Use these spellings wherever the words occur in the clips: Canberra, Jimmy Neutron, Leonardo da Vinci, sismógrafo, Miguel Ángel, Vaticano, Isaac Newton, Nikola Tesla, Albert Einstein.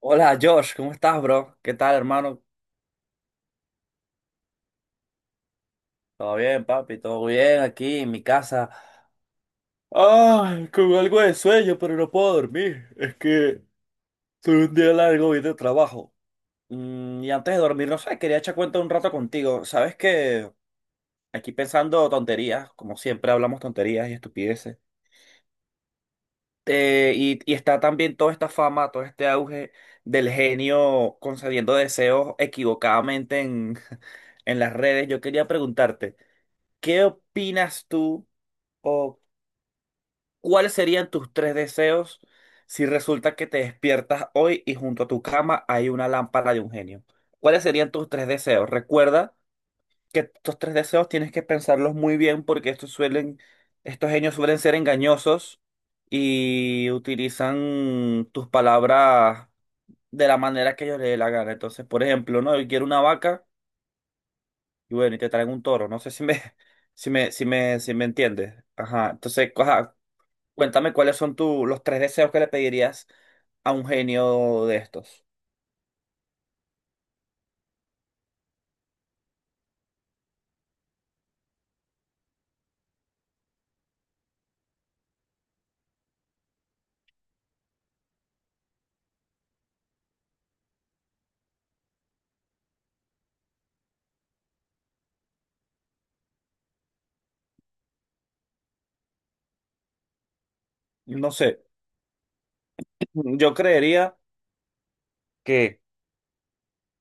Hola Josh, ¿cómo estás, bro? ¿Qué tal, hermano? Todo bien, papi, todo bien aquí en mi casa. Ay, con algo de sueño, pero no puedo dormir. Es que tuve un día largo hoy de trabajo. Y antes de dormir, no sé, quería echar cuenta un rato contigo. Sabes que aquí pensando tonterías, como siempre hablamos tonterías y estupideces. Y está también toda esta fama, todo este auge del genio concediendo deseos equivocadamente en las redes. Yo quería preguntarte. ¿Qué opinas tú o cuáles serían tus tres deseos si resulta que te despiertas hoy y junto a tu cama hay una lámpara de un genio? ¿Cuáles serían tus tres deseos? Recuerda que estos tres deseos tienes que pensarlos muy bien porque estos genios suelen ser engañosos y utilizan tus palabras de la manera que ellos les dé la gana. Entonces, por ejemplo, ¿no? Yo quiero una vaca y bueno, y te traen un toro. No sé si me entiendes. Ajá. Entonces, ajá, cuéntame cuáles son los tres deseos que le pedirías a un genio de estos. No sé, yo creería que,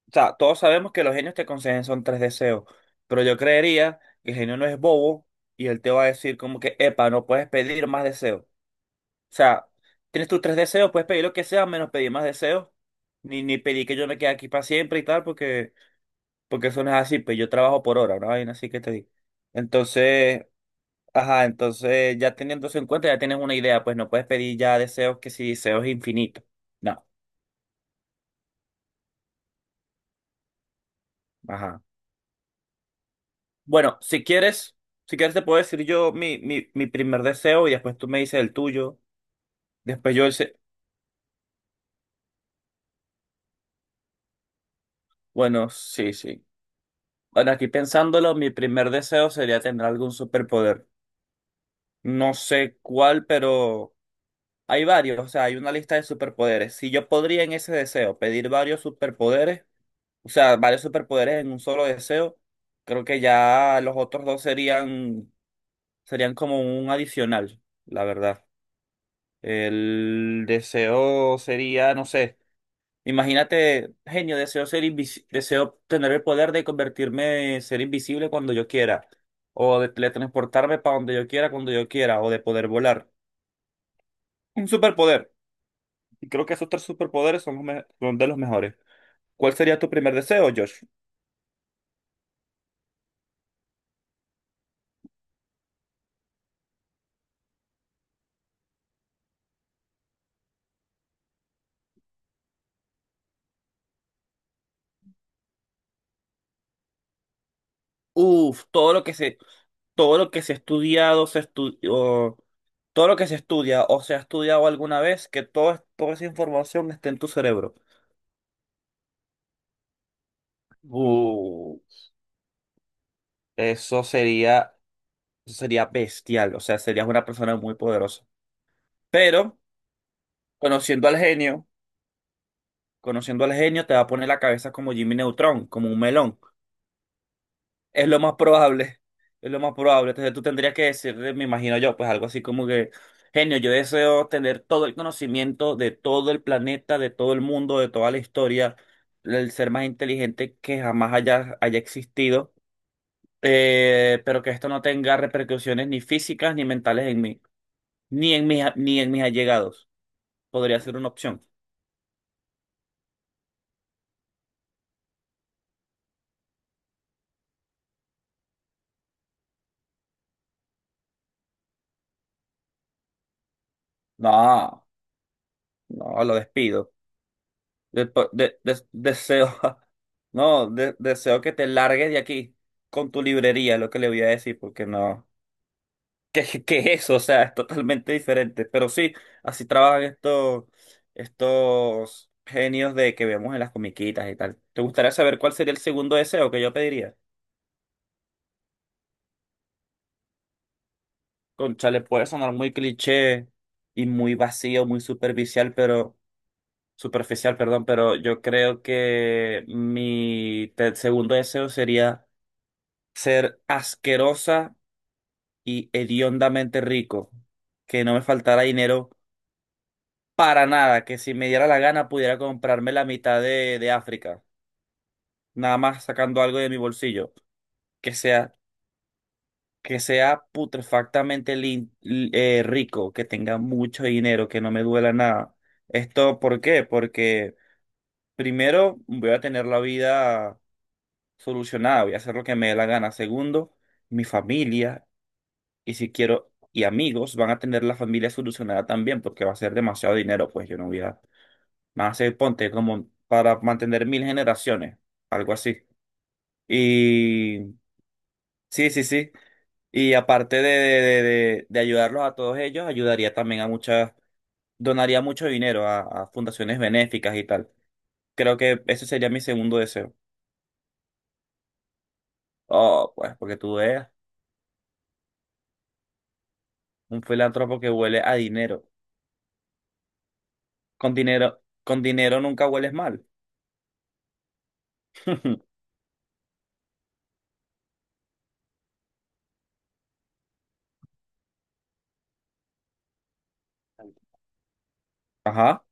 o sea, todos sabemos que los genios te conceden son tres deseos, pero yo creería que el genio no es bobo y él te va a decir como que, epa, no puedes pedir más deseos. O sea, tienes tus tres deseos, puedes pedir lo que sea, menos pedir más deseos, ni pedir que yo me quede aquí para siempre y tal, porque eso no es así, pues yo trabajo por hora, una vaina así que te digo. Entonces, ajá, entonces ya teniendo eso en cuenta, ya tienes una idea, pues no puedes pedir ya deseos que si deseos infinitos. No, ajá. Bueno, si quieres te puedo decir yo mi primer deseo y después tú me dices el tuyo. Después yo el. Bueno, sí, sí. Bueno, aquí pensándolo, mi primer deseo sería tener algún superpoder. No sé cuál, pero hay varios, o sea, hay una lista de superpoderes. Si yo podría en ese deseo pedir varios superpoderes, o sea, varios superpoderes en un solo deseo. Creo que ya los otros dos serían, serían como un adicional, la verdad. El deseo sería, no sé, imagínate, genio, deseo tener el poder de convertirme, en ser invisible cuando yo quiera, o de teletransportarme para donde yo quiera, cuando yo quiera, o de poder volar. Un superpoder. Y creo que esos tres superpoderes son de los mejores. ¿Cuál sería tu primer deseo, Josh? Uf, todo lo que se ha estudiado, se estudió, todo lo que se estudia o se ha estudiado alguna vez, que toda esa información esté en tu cerebro. Uh, eso sería, eso sería bestial, o sea, serías una persona muy poderosa. Pero conociendo al genio, conociendo al genio, te va a poner la cabeza como Jimmy Neutron, como un melón. Es lo más probable, es lo más probable. Entonces tú tendrías que decirle, me imagino yo, pues algo así como que, genio, yo deseo tener todo el conocimiento de todo el planeta, de todo el mundo, de toda la historia, el ser más inteligente que jamás haya existido, pero que esto no tenga repercusiones ni físicas ni mentales en mí, ni en mis allegados. Podría ser una opción. No, no, lo despido. Deseo, no, deseo que te largues de aquí con tu librería, es lo que le voy a decir, porque no, ¿qué es eso? O sea, es totalmente diferente. Pero sí, así trabajan estos genios de que vemos en las comiquitas y tal. ¿Te gustaría saber cuál sería el segundo deseo que yo pediría? Conchale, puede sonar muy cliché y muy vacío, muy superficial, pero superficial, perdón, pero yo creo que mi segundo deseo sería ser asquerosa y hediondamente rico, que no me faltara dinero para nada, que si me diera la gana pudiera comprarme la mitad de África, nada más sacando algo de mi bolsillo, que sea putrefactamente rico, que tenga mucho dinero, que no me duela nada. ¿Esto por qué? Porque primero voy a tener la vida solucionada, voy a hacer lo que me dé la gana. Segundo, mi familia. Y si quiero, y amigos, van a tener la familia solucionada también, porque va a ser demasiado dinero, pues yo no voy a, van a ser, ponte, como para mantener mil generaciones, algo así. Y sí, sí, sí. Y aparte de ayudarlos a todos ellos, ayudaría también a muchas, donaría mucho dinero a fundaciones benéficas y tal. Creo que ese sería mi segundo deseo. Oh, pues, porque tú eres un filántropo que huele a dinero. Con dinero, con dinero nunca hueles mal. Ajá.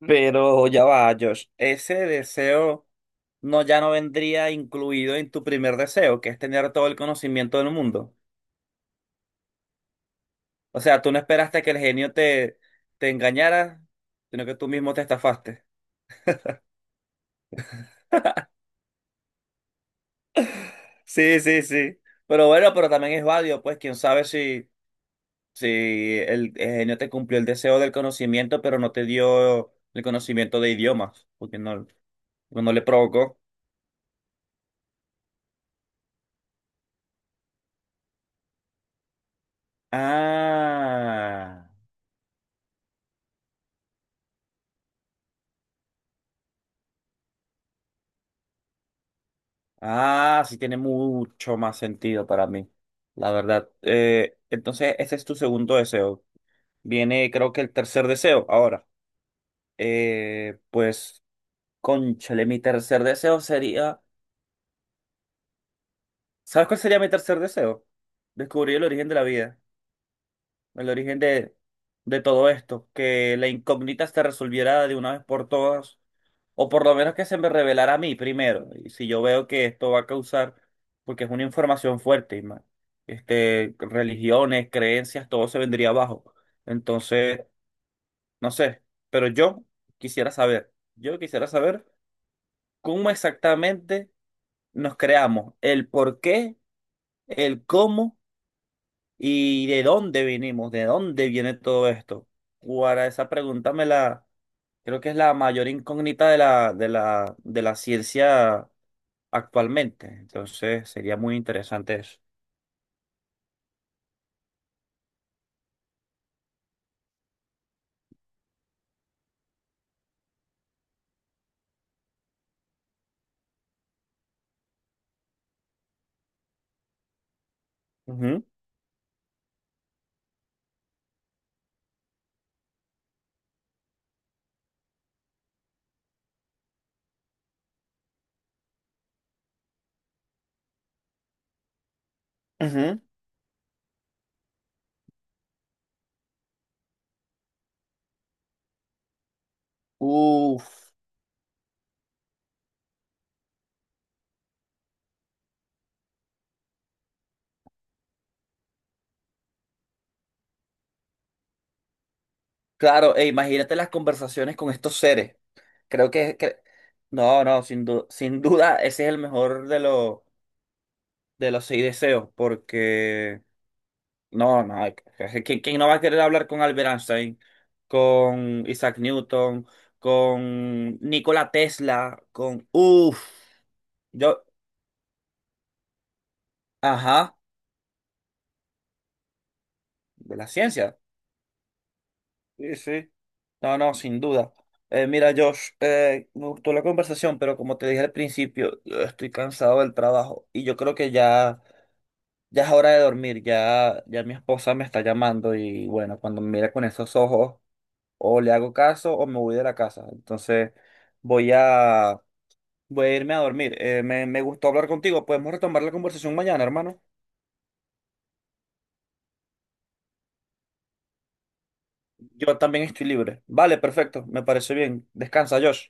Pero ya va, Josh, ese deseo no ya no vendría incluido en tu primer deseo, que es tener todo el conocimiento del mundo. O sea, tú no esperaste que el genio te engañara, sino que tú mismo te estafaste. Sí, sí, sí. Pero bueno, pero también es válido, pues quién sabe si el genio te cumplió el deseo del conocimiento, pero no te dio el conocimiento de idiomas, porque no le provocó. Ah. Ah, sí tiene mucho más sentido para mí, la verdad. Entonces, ese es tu segundo deseo. Viene, creo que el tercer deseo. Ahora, pues, cónchale, mi tercer deseo sería. ¿Sabes cuál sería mi tercer deseo? Descubrir el origen de la vida, el origen de todo esto, que la incógnita se resolviera de una vez por todas. O por lo menos que se me revelara a mí primero. Y si yo veo que esto va a causar, porque es una información fuerte, religiones, creencias, todo se vendría abajo. Entonces, no sé, pero yo quisiera saber cómo exactamente nos creamos, el por qué, el cómo y de dónde vinimos, de dónde viene todo esto. Para esa pregunta me la, creo que es la mayor incógnita de la ciencia actualmente. Entonces sería muy interesante eso. Ujú, ujú. Uf, claro, e imagínate las conversaciones con estos seres. Creo que, que- no, no, sin duda, sin duda, ese es el mejor de los seis deseos, porque no, no, hay- ¿quién no va a querer hablar con Albert Einstein, con Isaac Newton, con Nikola Tesla, con, uff, yo, ajá, de la ciencia. Sí, sí. No, no, sin duda. Mira, Josh, me gustó la conversación, pero como te dije al principio, yo estoy cansado del trabajo y yo creo que ya, ya es hora de dormir. Ya, ya mi esposa me está llamando y bueno, cuando me mira con esos ojos, o le hago caso o me voy de la casa. Entonces, voy a, voy a irme a dormir. Me gustó hablar contigo. Podemos retomar la conversación mañana, hermano. Yo también estoy libre. Vale, perfecto. Me parece bien. Descansa, Josh.